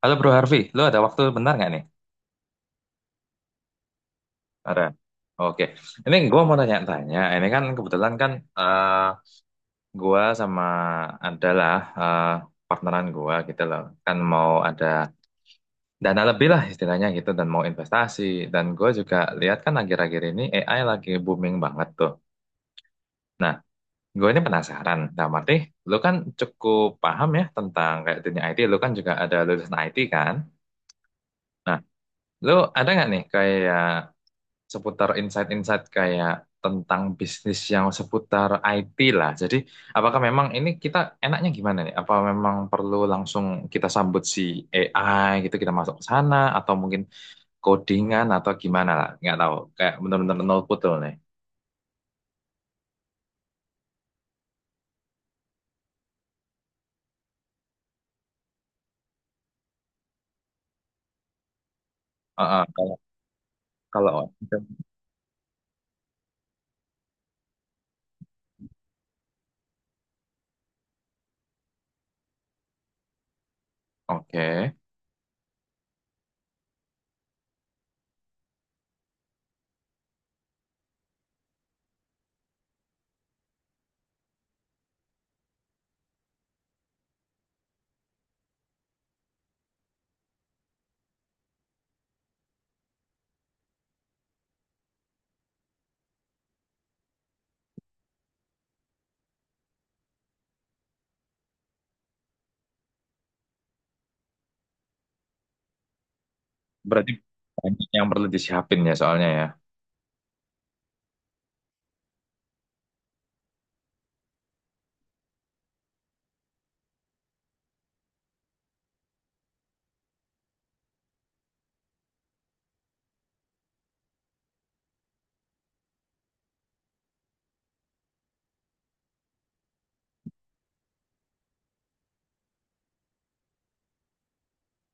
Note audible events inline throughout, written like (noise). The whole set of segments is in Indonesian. Halo Bro Harvey, lo ada waktu bentar nggak nih? Ada. Oke, ini gue mau tanya-tanya. Ini kan kebetulan kan eh gue sama adalah eh partneran gue gitu loh. Kan mau ada dana lebih lah istilahnya gitu dan mau investasi. Dan gue juga lihat kan akhir-akhir ini AI lagi booming banget tuh. Nah, gue ini penasaran. Dalam arti, lo kan cukup paham ya tentang kayak dunia IT. Lo kan juga ada lulusan IT kan? Nah, Lo ada nggak nih kayak seputar insight-insight kayak tentang bisnis yang seputar IT lah. Jadi, apakah memang ini kita enaknya gimana nih? Apa memang perlu langsung kita sambut si AI gitu, kita masuk ke sana, atau mungkin codingan atau gimana lah? Nggak tahu. Kayak benar-benar nol putul nih. Heeh, kalau kalau oke. Berarti banyak yang perlu disiapin ya soalnya ya.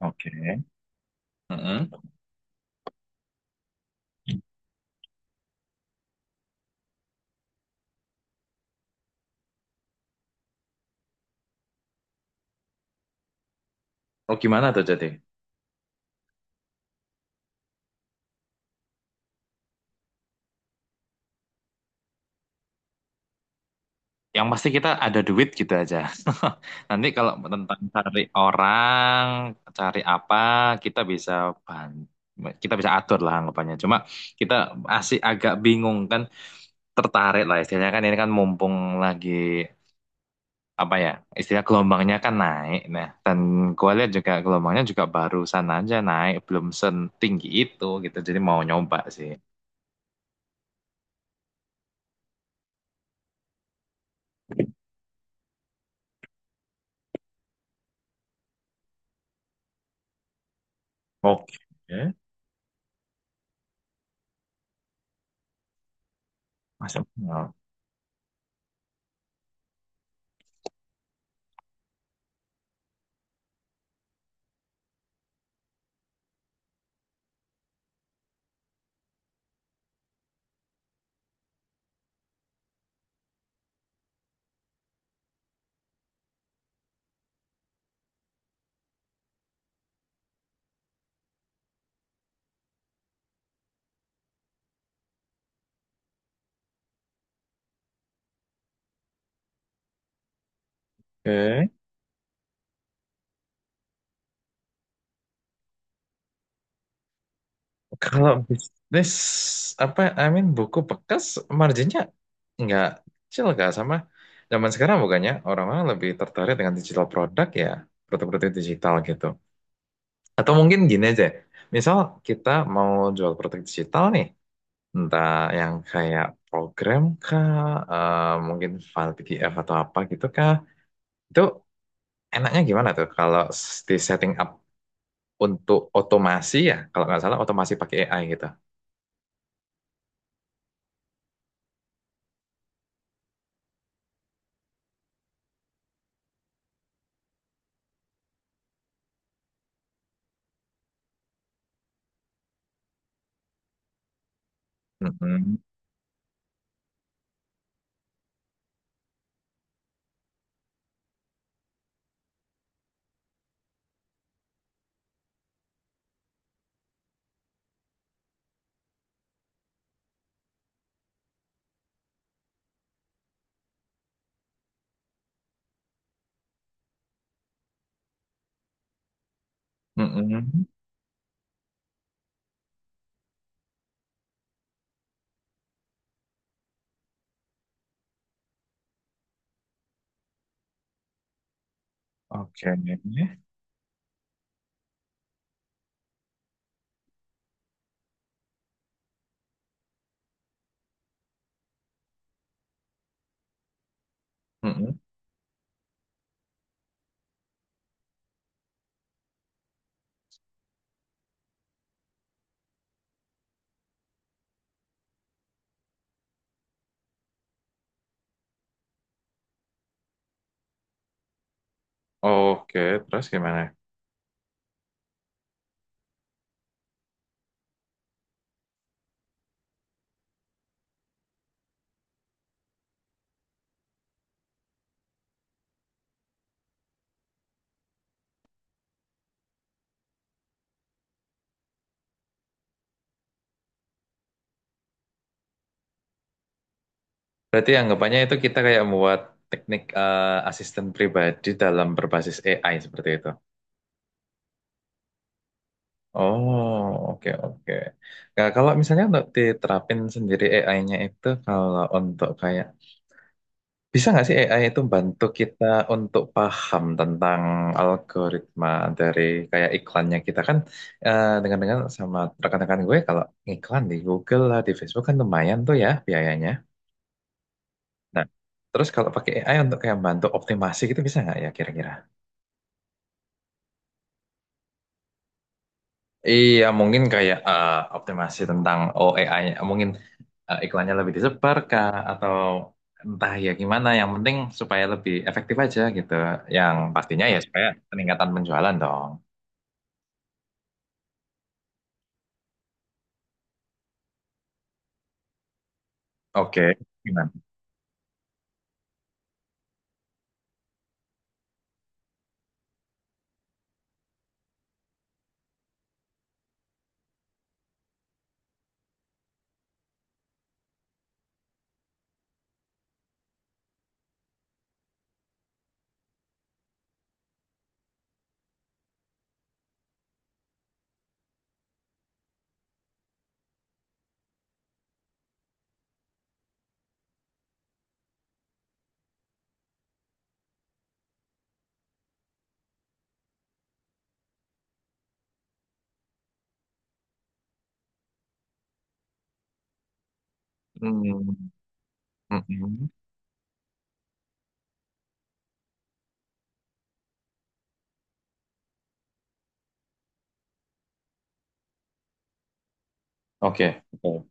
Oke. Heeh. Oh, gimana tuh jadi? Yang pasti kita ada duit gitu aja. (laughs) Nanti kalau tentang cari orang, cari apa, kita bisa bahan, kita bisa atur lah anggapannya. Cuma kita masih agak bingung kan, tertarik lah istilahnya kan ini kan mumpung lagi apa ya, istilah gelombangnya kan naik. Nah, dan gue lihat juga gelombangnya juga barusan aja naik, belum setinggi itu gitu. Jadi mau nyoba sih. Oke, Masuk. Oke. Kalau bisnis apa I mean buku bekas marginnya nggak kecil nggak sama zaman sekarang bukannya orang-orang lebih tertarik dengan digital produk ya produk-produk digital gitu atau mungkin gini aja misal kita mau jual produk digital nih entah yang kayak program kah, mungkin file PDF atau apa gitu kah, itu enaknya gimana tuh kalau di setting up untuk otomasi ya kalau nggak salah otomasi pakai AI gitu. Mm-mm. Mm-mm. Oke. Mm-mm. Oke, terus gimana? Berarti anggapannya itu kita kayak membuat teknik asisten pribadi dalam berbasis AI seperti itu. Oh, oke oke. Nah, kalau misalnya untuk diterapin sendiri AI-nya itu kalau untuk kayak bisa nggak sih AI itu bantu kita untuk paham tentang algoritma dari kayak iklannya kita kan eh, dengan-dengan sama rekan-rekan gue kalau iklan di Google lah di Facebook kan lumayan tuh ya biayanya. Nah, terus kalau pakai AI untuk kayak bantu optimasi gitu bisa nggak ya kira-kira? Iya, mungkin kayak optimasi tentang oh AI, mungkin iklannya lebih disebar kah atau entah ya gimana. Yang penting supaya lebih efektif aja gitu. Yang pastinya ya supaya peningkatan penjualan dong. Oke, gimana? Hmm, mm-mm. Oke, betul.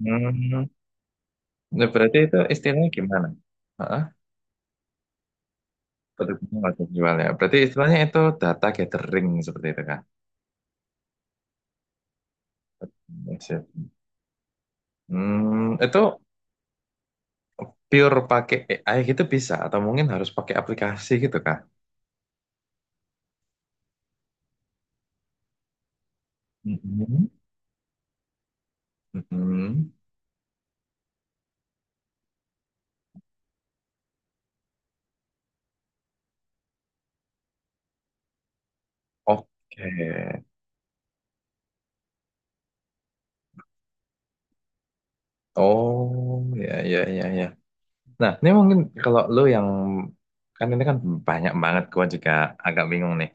Hmm, nah, berarti itu istilahnya gimana? Heeh, betul nggak jual ya. Berarti istilahnya itu data gathering seperti itu kan? Hmm, itu pure pakai AI gitu bisa atau mungkin harus pakai aplikasi gitu kah? Mhm. Mhm. Oke. Oh, ya ya ya ya. Nah, ini mungkin kalau lu yang kan ini kan banyak banget gua juga agak bingung nih.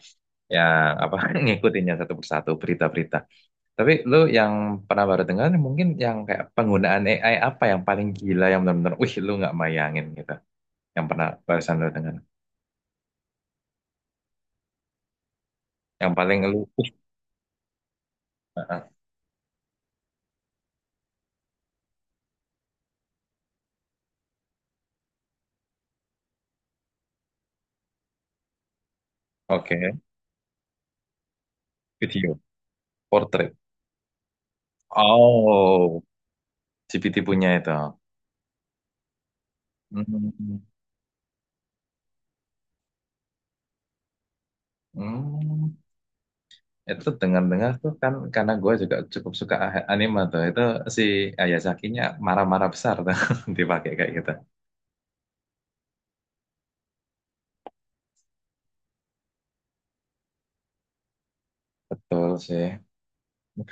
Ya apa (laughs) ngikutinnya satu persatu berita-berita. Tapi lu yang pernah baru dengar mungkin yang kayak penggunaan AI apa yang paling gila yang benar-benar wih lu nggak bayangin gitu. Yang pernah barusan lu dengar. Yang paling lu (laughs) uh, Oke, video portrait. Oh, GPT punya itu. Hmm, hmm. Itu dengar-dengar tuh kan karena gue juga cukup suka anime tuh. Itu si Ayazakinya marah-marah besar tuh (laughs) dipakai kayak gitu. Betul sih.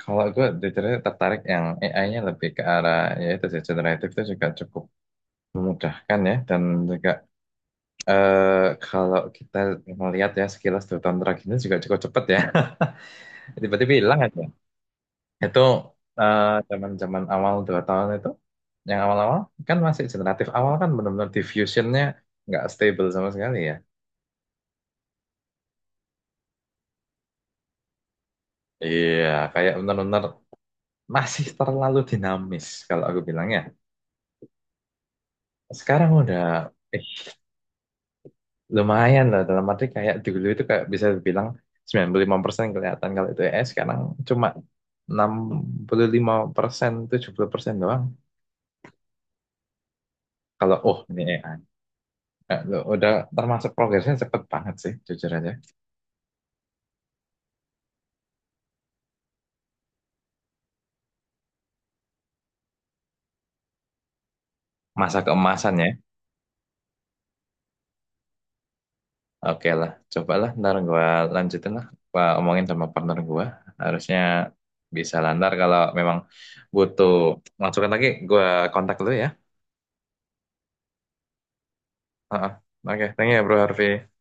Kalau gue jujurnya tertarik yang AI-nya lebih ke arah ya itu sih generatif itu juga cukup memudahkan ya dan juga, eh, kalau kita melihat ya sekilas 2 tahun terakhir ini juga cukup cepet ya. (laughs) Tiba-tiba hilang aja. Itu eh, zaman-zaman awal 2 tahun itu, yang awal-awal kan masih generatif awal kan benar-benar diffusionnya nggak stable sama sekali ya. Iya, kayak benar-benar masih terlalu dinamis kalau aku bilangnya. Sekarang udah eh, lumayan lah dalam arti kayak dulu itu kayak bisa dibilang 95% kelihatan kalau itu ES, sekarang cuma 65% 70% doang. Kalau oh ini AI. Udah termasuk progresnya cepet banget sih jujur aja. Masa keemasan ya. Oke lah, cobalah ntar gue lanjutin lah. Gua omongin sama partner gue. Harusnya bisa lah ntar kalau memang butuh masukan lagi, gue kontak dulu ya. Heeh. Oke, thank you ya bro Harvey.